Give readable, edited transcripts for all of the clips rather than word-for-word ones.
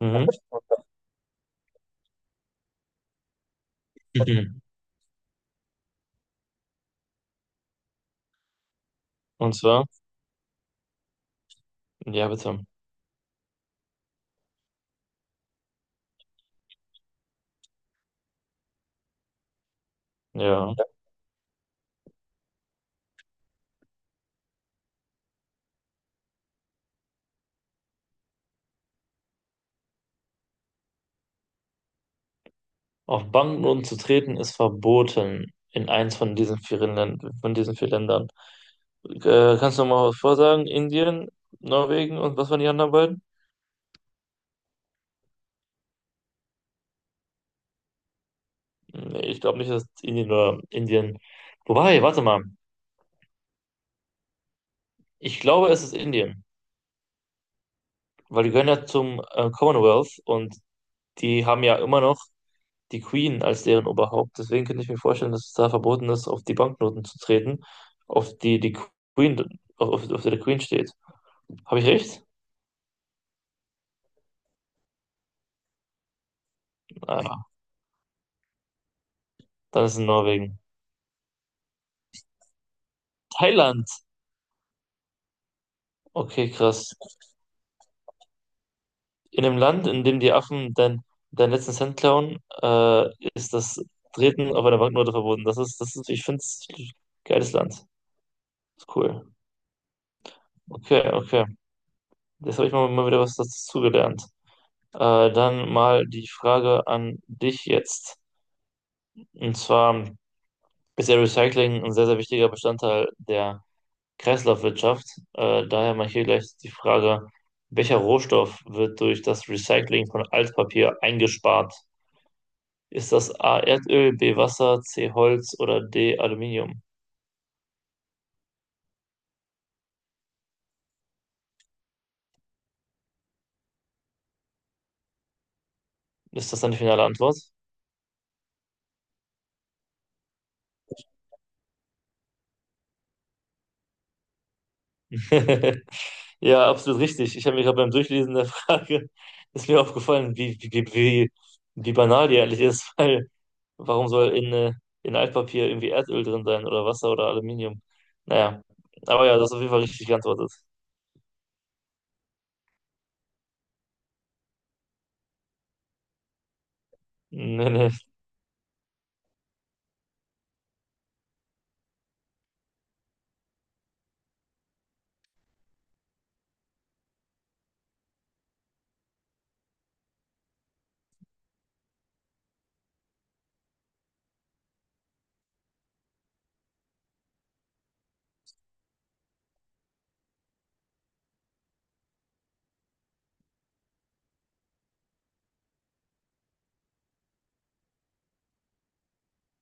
Mhm. Mhm. Und zwar, ja, bitte. Ja. Auf Banken zu treten ist verboten in eins von diesen vier Ländern, von diesen vier Ländern. Kannst du mal was vorsagen? Indien, Norwegen und was waren die anderen beiden? Nee, ich glaube nicht, dass es Indien oder Indien. Wobei, warte mal. Ich glaube, es ist Indien, weil die gehören ja zum Commonwealth und die haben ja immer noch die Queen als deren Oberhaupt. Deswegen könnte ich mir vorstellen, dass es da verboten ist, auf die Banknoten zu treten, auf die Queen, auf, auf der die Queen steht. Habe ich recht? Ah, dann ist es in Norwegen. Thailand. Okay, krass. In einem Land, in dem die Affen dein, deinen letzten Cent klauen, ist das Treten auf einer Banknote verboten. Das ist, ich finde es ein geiles Land. Ist cool. Okay, okay. Jetzt habe ich mal, mal wieder was dazu gelernt. Äh, Dann mal die Frage an dich jetzt. Und zwar, ist ja Recycling ein sehr, sehr wichtiger Bestandteil der Kreislaufwirtschaft. Daher mal hier gleich die Frage, welcher Rohstoff wird durch das Recycling von Altpapier eingespart? Ist das A Erdöl, B Wasser, C Holz oder D Aluminium? Ist das deine finale Antwort? Ja, absolut richtig. Ich habe mir gerade beim Durchlesen der Frage ist mir aufgefallen, wie, wie banal die eigentlich ist, weil warum soll in Altpapier irgendwie Erdöl drin sein oder Wasser oder Aluminium? Naja, aber ja, das ist auf jeden Fall richtig geantwortet. Nee, nee.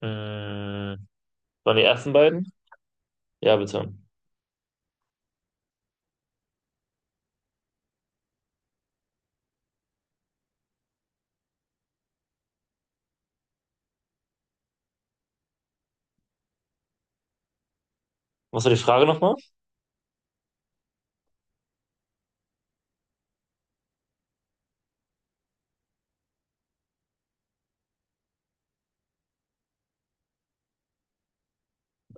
Hm, waren die ersten beiden? Ja, bitte. Was war die Frage nochmal?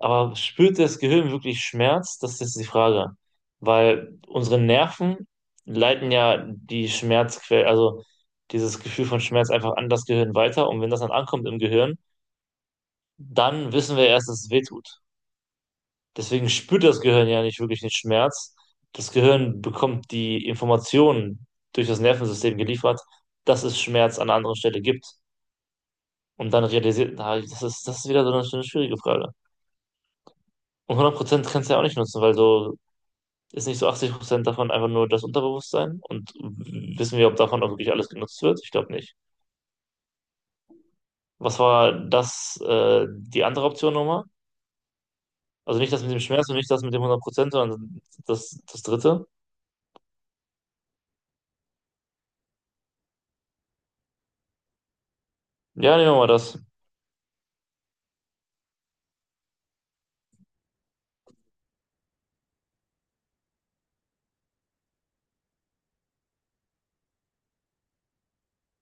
Aber spürt das Gehirn wirklich Schmerz? Das ist jetzt die Frage. Weil unsere Nerven leiten ja die Schmerzquelle, also dieses Gefühl von Schmerz einfach an das Gehirn weiter. Und wenn das dann ankommt im Gehirn, dann wissen wir erst, dass es weh tut. Deswegen spürt das Gehirn ja nicht wirklich den Schmerz. Das Gehirn bekommt die Informationen durch das Nervensystem geliefert, dass es Schmerz an einer anderen Stelle gibt. Und dann realisiert, na, das ist wieder so eine schwierige Frage. Und 100% kannst du ja auch nicht nutzen, weil so ist nicht so 80% davon einfach nur das Unterbewusstsein. Und wissen wir, ob davon auch wirklich alles genutzt wird? Ich glaube nicht. Was war das, die andere Option nochmal? Also nicht das mit dem Schmerz und nicht das mit dem 100%, sondern das, das dritte. Ja, nehmen wir mal das.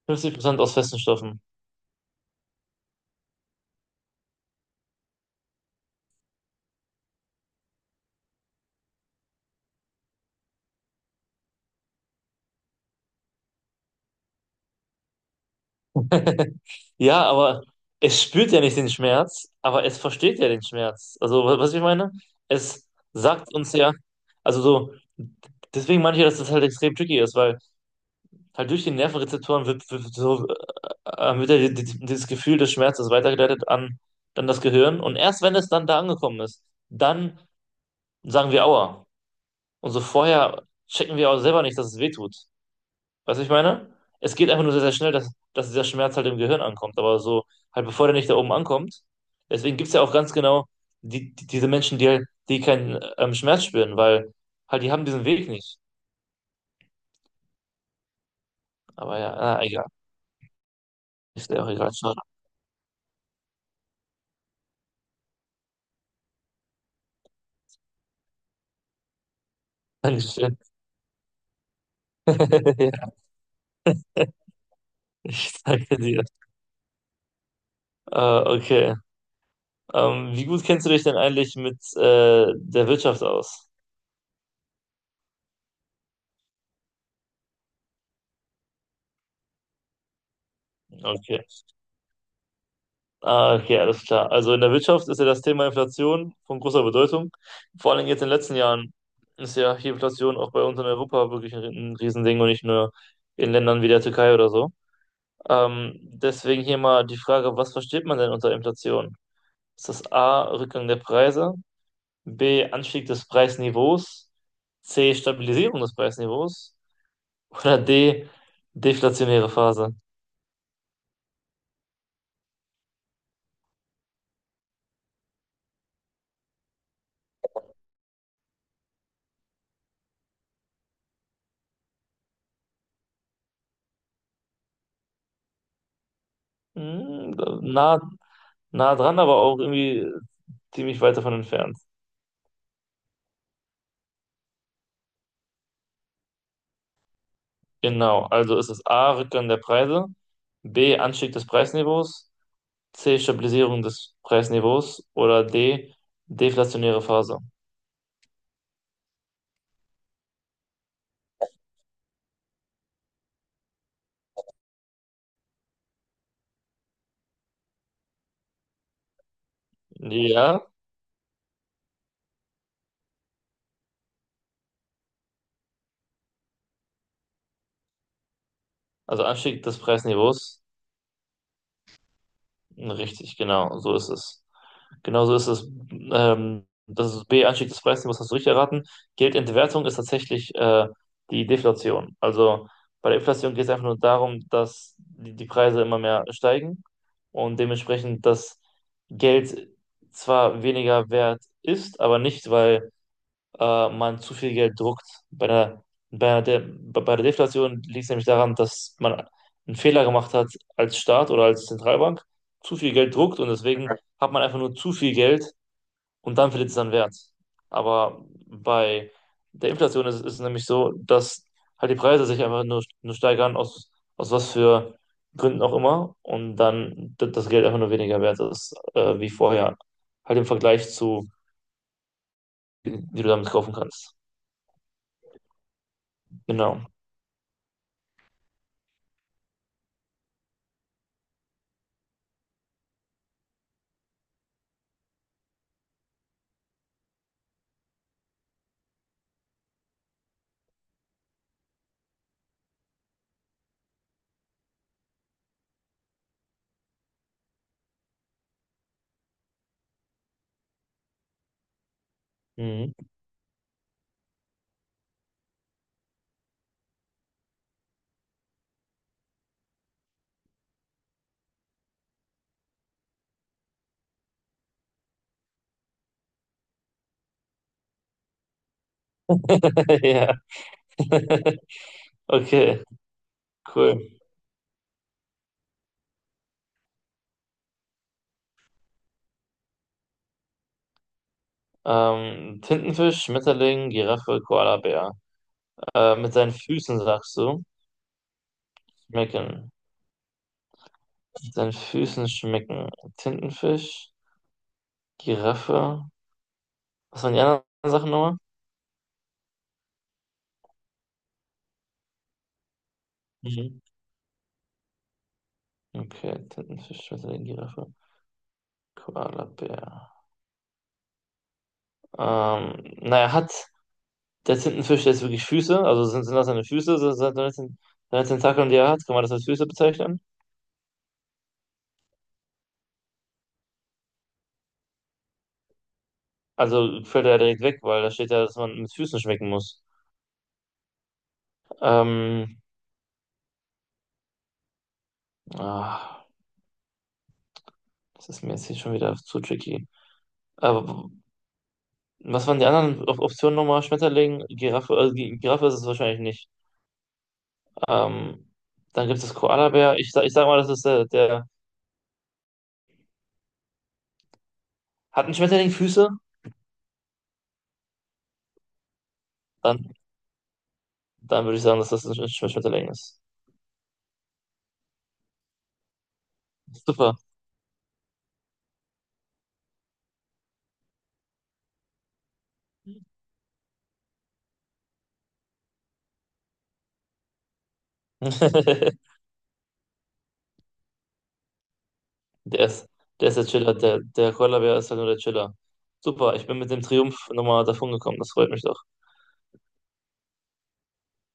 50% aus festen Stoffen. Ja, aber es spürt ja nicht den Schmerz, aber es versteht ja den Schmerz. Also, was ich meine, es sagt uns ja, also so, deswegen meine ich ja, dass das halt extrem tricky ist, weil halt durch die Nervenrezeptoren so, wird ja dieses Gefühl des Schmerzes weitergeleitet an, an das Gehirn und erst wenn es dann da angekommen ist, dann sagen wir Aua. Und so vorher checken wir auch selber nicht, dass es weh tut. Weißt du, was ich meine? Es geht einfach nur sehr, sehr schnell, dass, dass dieser Schmerz halt im Gehirn ankommt. Aber so, halt bevor der nicht da oben ankommt. Deswegen gibt es ja auch ganz genau diese Menschen, die, die keinen Schmerz spüren, weil halt die haben diesen Weg nicht. Aber ja, na, egal. Ist ja auch egal. Schade. Dankeschön. Ja, ich danke dir. Okay. Wie gut kennst du dich denn eigentlich mit der Wirtschaft aus? Okay. Ah, okay, alles klar. Also in der Wirtschaft ist ja das Thema Inflation von großer Bedeutung. Vor allem jetzt in den letzten Jahren ist ja hier Inflation auch bei uns in Europa wirklich ein Riesending und nicht nur in Ländern wie der Türkei oder so. Deswegen hier mal die Frage, was versteht man denn unter Inflation? Ist das A, Rückgang der Preise, B, Anstieg des Preisniveaus, C, Stabilisierung des Preisniveaus oder D, deflationäre Phase? Hm, na, nah dran, aber auch irgendwie ziemlich weit davon entfernt. Genau, also ist es A, Rückgang der Preise, B, Anstieg des Preisniveaus, C, Stabilisierung des Preisniveaus oder D, deflationäre Phase. Ja, also Anstieg des Preisniveaus. Richtig, genau, so ist es. Genau so ist es. Das ist B, Anstieg des Preisniveaus, hast du richtig erraten. Geldentwertung ist tatsächlich die Deflation. Also bei der Inflation geht es einfach nur darum, dass die Preise immer mehr steigen und dementsprechend das Geld zwar weniger wert ist, aber nicht, weil man zu viel Geld druckt. Bei der, bei der De bei der Deflation liegt es nämlich daran, dass man einen Fehler gemacht hat als Staat oder als Zentralbank, zu viel Geld druckt und deswegen hat man einfach nur zu viel Geld und dann verliert es seinen Wert. Aber bei der Inflation ist, ist es nämlich so, dass halt die Preise sich einfach nur steigern, aus, aus was für Gründen auch immer, und dann das Geld einfach nur weniger wert ist, wie vorher, halt im Vergleich zu, wie du damit kaufen kannst. Genau. Mhm. Ja, okay, cool. Tintenfisch, Schmetterling, Giraffe, Koalabär. Mit seinen Füßen sagst du, schmecken. Mit seinen Füßen schmecken. Tintenfisch, Giraffe. Was waren die anderen Sachen nochmal? Mhm. Okay, Tintenfisch, Schmetterling, Giraffe, Koalabär. Naja, hat der Tintenfisch jetzt wirklich Füße? Also sind das seine Füße? Sind das seine seine Tentakeln, die er hat? Kann man das als Füße bezeichnen? Also fällt er ja direkt weg, weil da steht ja, dass man mit Füßen schmecken muss. Ähm, ah, das ist mir jetzt hier schon wieder zu tricky. Aber was waren die anderen Op Optionen nochmal? Schmetterling, Giraffe, also Giraffe ist es wahrscheinlich nicht. Ähm, Dann gibt es das Koalabär. Ich, ich sag mal, das ist der. Hat ein Schmetterling Füße? Dann, dann würde ich sagen, dass das ein Schmetterling ist. Super. Der ist, der ist der Chiller. Der, der Koalabär ist halt nur der Chiller. Super, ich bin mit dem Triumph nochmal davon gekommen. Das freut mich doch.